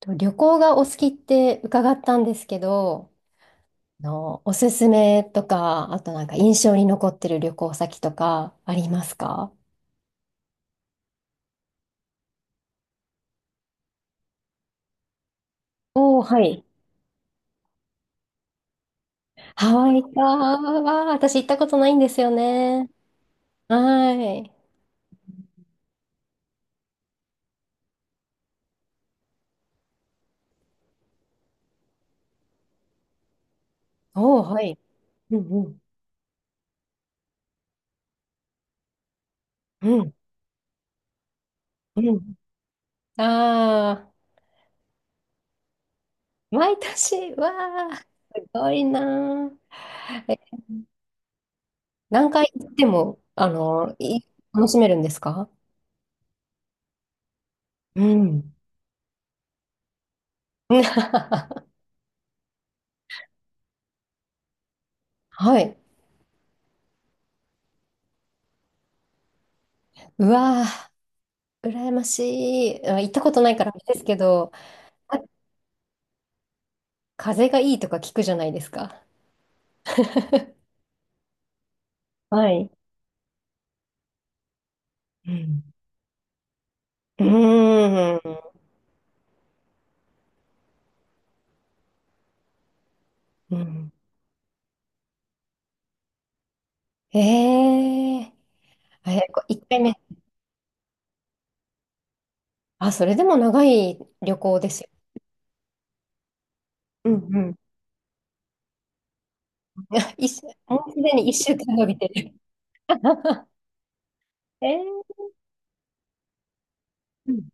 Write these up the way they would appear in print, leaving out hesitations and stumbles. と旅行がお好きって伺ったんですけど、おすすめとか、あとなんか印象に残ってる旅行先とかありますか？おおー、はい。ハワイかは私行ったことないんですよね。はい。おお、はい。うんうん。うんうん。ああ、毎年、わあ、すごいなあ。え、何回行っても、楽しめるんですか？うん。はい。うわー羨ましい。あ行ったことないからあれですけど、あ風がいいとか聞くじゃないですか。はい。うん。うーん。うんええあれ、一回目。あ、それでも長い旅行ですよ。うんうん。もうすでに一週間伸びてる。ええうん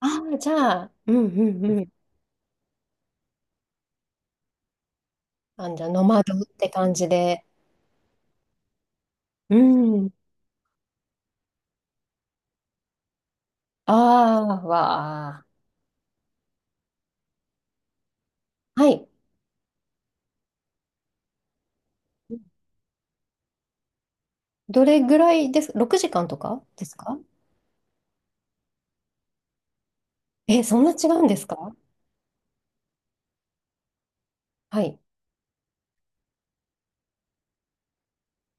ああ、じゃあ、うんうんうん。あ、じゃあ、ノマドって感じで。うん。ああ、わあ。はい。どれぐらいです？ 6 時間とかですか？え、そんな違うんですか？はい。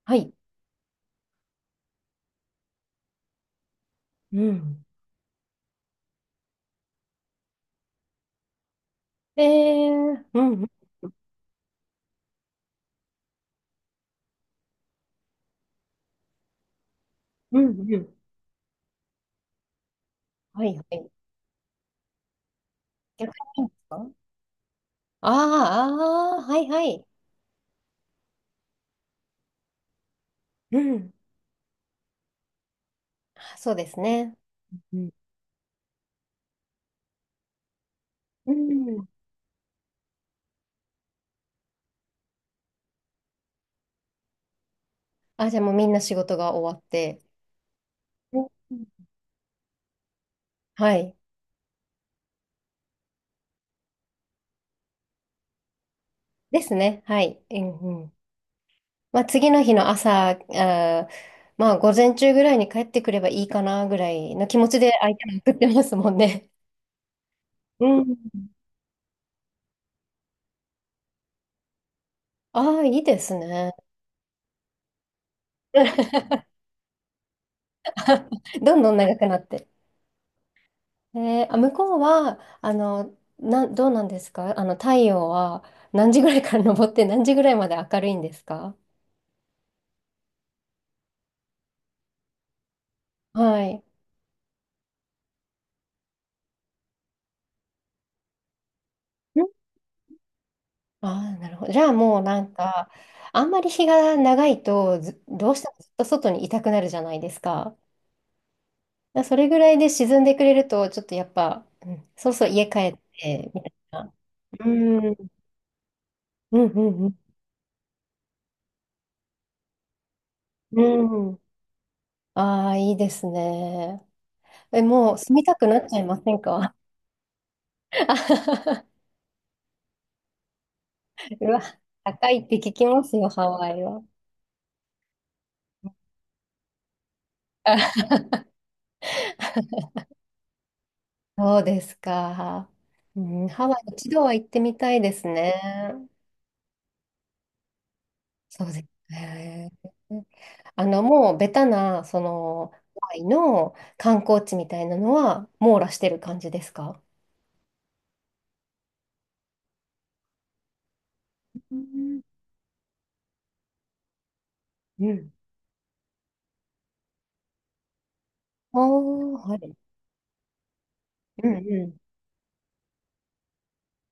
はい。うん。うん、うん、うん。はい、はい。逆にいいんですか？あーあー、はい、はい。うん。そうですね。うん。うんあ、じゃあもうみんな仕事が終わって。うんはい。ですね。はい。うん、うん。まあ、次の日の朝、まあ、午前中ぐらいに帰ってくればいいかなぐらいの気持ちで相手に送ってますもんね。うん。ああ、いいですね。どんどん長くなって。向こうは、どうなんですか？太陽は何時ぐらいから 昇って何時ぐらいまで明るいんですか？はい。んああー、なるほど。じゃあもうなんか、あんまり日が長いとず、どうしてもずっと外にいたくなるじゃないですか。だからそれぐらいで沈んでくれると、ちょっとやっぱ、うん、そうそう家帰って、みたいな。うん、うん、うん、うん。うん。ああ、いいですね。え、もう住みたくなっちゃいませんか？ うわ、高いって聞きますよ、ハワイは。あそうですか。うん、ハワイ一度は行ってみたいですね。そうですね。もうベタな、ハワイの観光地みたいなのは網羅してる感じですか？うんうん。おー、はい。うん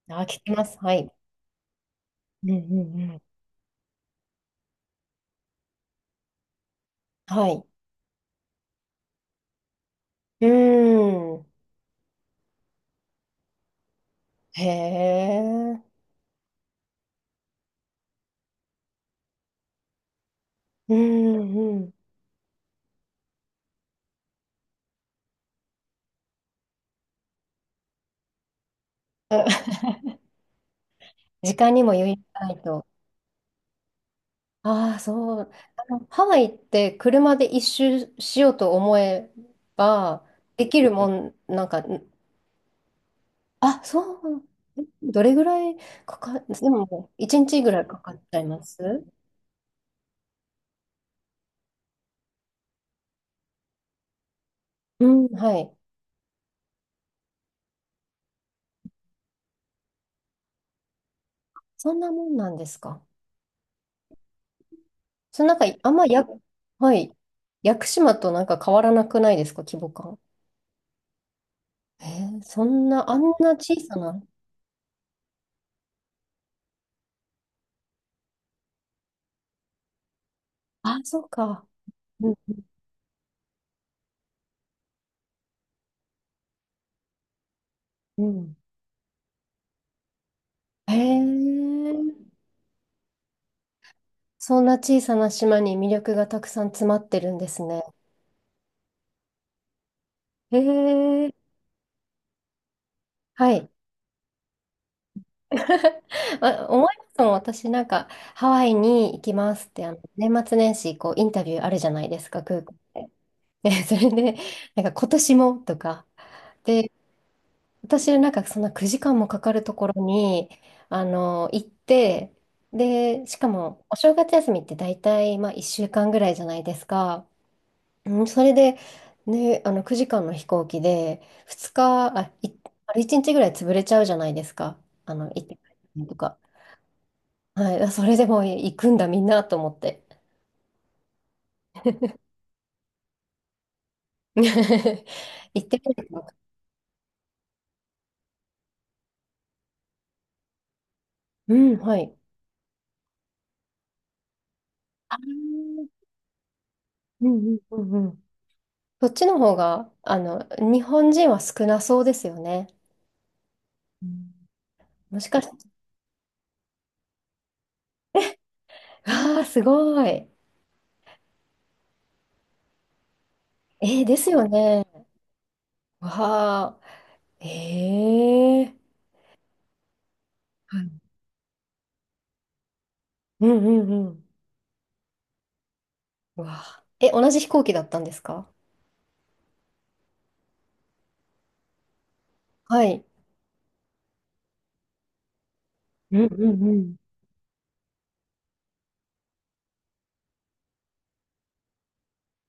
うん。あ、聞きます。はい。うんうんうん。はい。うーん。へえ。うんうん。あ時間にも余裕がないと。ああ、そう。ハワイって車で一周しようと思えば、できるもん、なんか、んあ、そう、どれぐらいかか、でも、1日ぐらいかかっちゃいます？うん、はい。そんなもんなんですか。そのなんか、あんまや、はい。屋久島となんか変わらなくないですか、規模感。そんな、あんな小さな。あ、そうか。うん、うん。へえ。そんな小さな島に魅力がたくさん詰まってるんですね。へえ、はい。あ思いますもん、私なんか、ハワイに行きますって、年末年始、こう、インタビューあるじゃないですか、空港で。で それで、なんか、今年もとか。で、私なんか、そんな9時間もかかるところに、行って、で、しかも、お正月休みって大体、まあ、1週間ぐらいじゃないですか。うん、それで、ね、あの9時間の飛行機で2日、あれ1日ぐらい潰れちゃうじゃないですか。行って帰ってとか。はい、あそれでもう行くんだみんなと思って。行ってみると。うん、はい。あーうんうんうんうん。そっちの方が、日本人は少なそうですよね。うんもしかして、わあ、すごい。えーですよね。わあ、ええーはいうんうんうん。うわあえ、同じ飛行機だったんですか？はい。うんうんうん。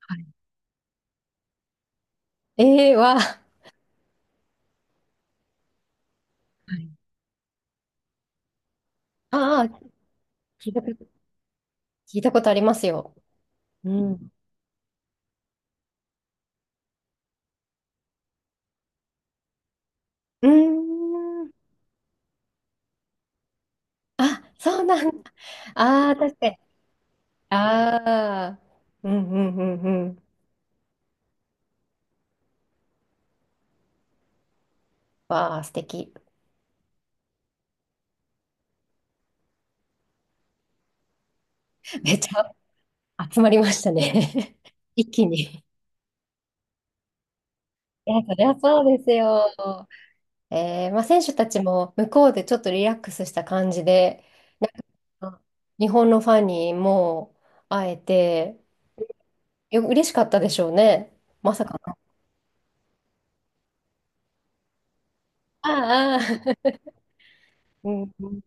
はい。ええわあ、はいああ、聞いたこと、聞いたことありますよ。うん。うーん。あ、そうなんだ。ああ、確かに。ああ。うんうんうんうん。わあ、素敵。めっちゃ集まりましたね。一気に。いや、そりゃそうですよ。まあ、選手たちも向こうでちょっとリラックスした感じで、あ日本のファンにもう会えて、嬉しかったでしょうね。まさかの。ああ、ああ うん。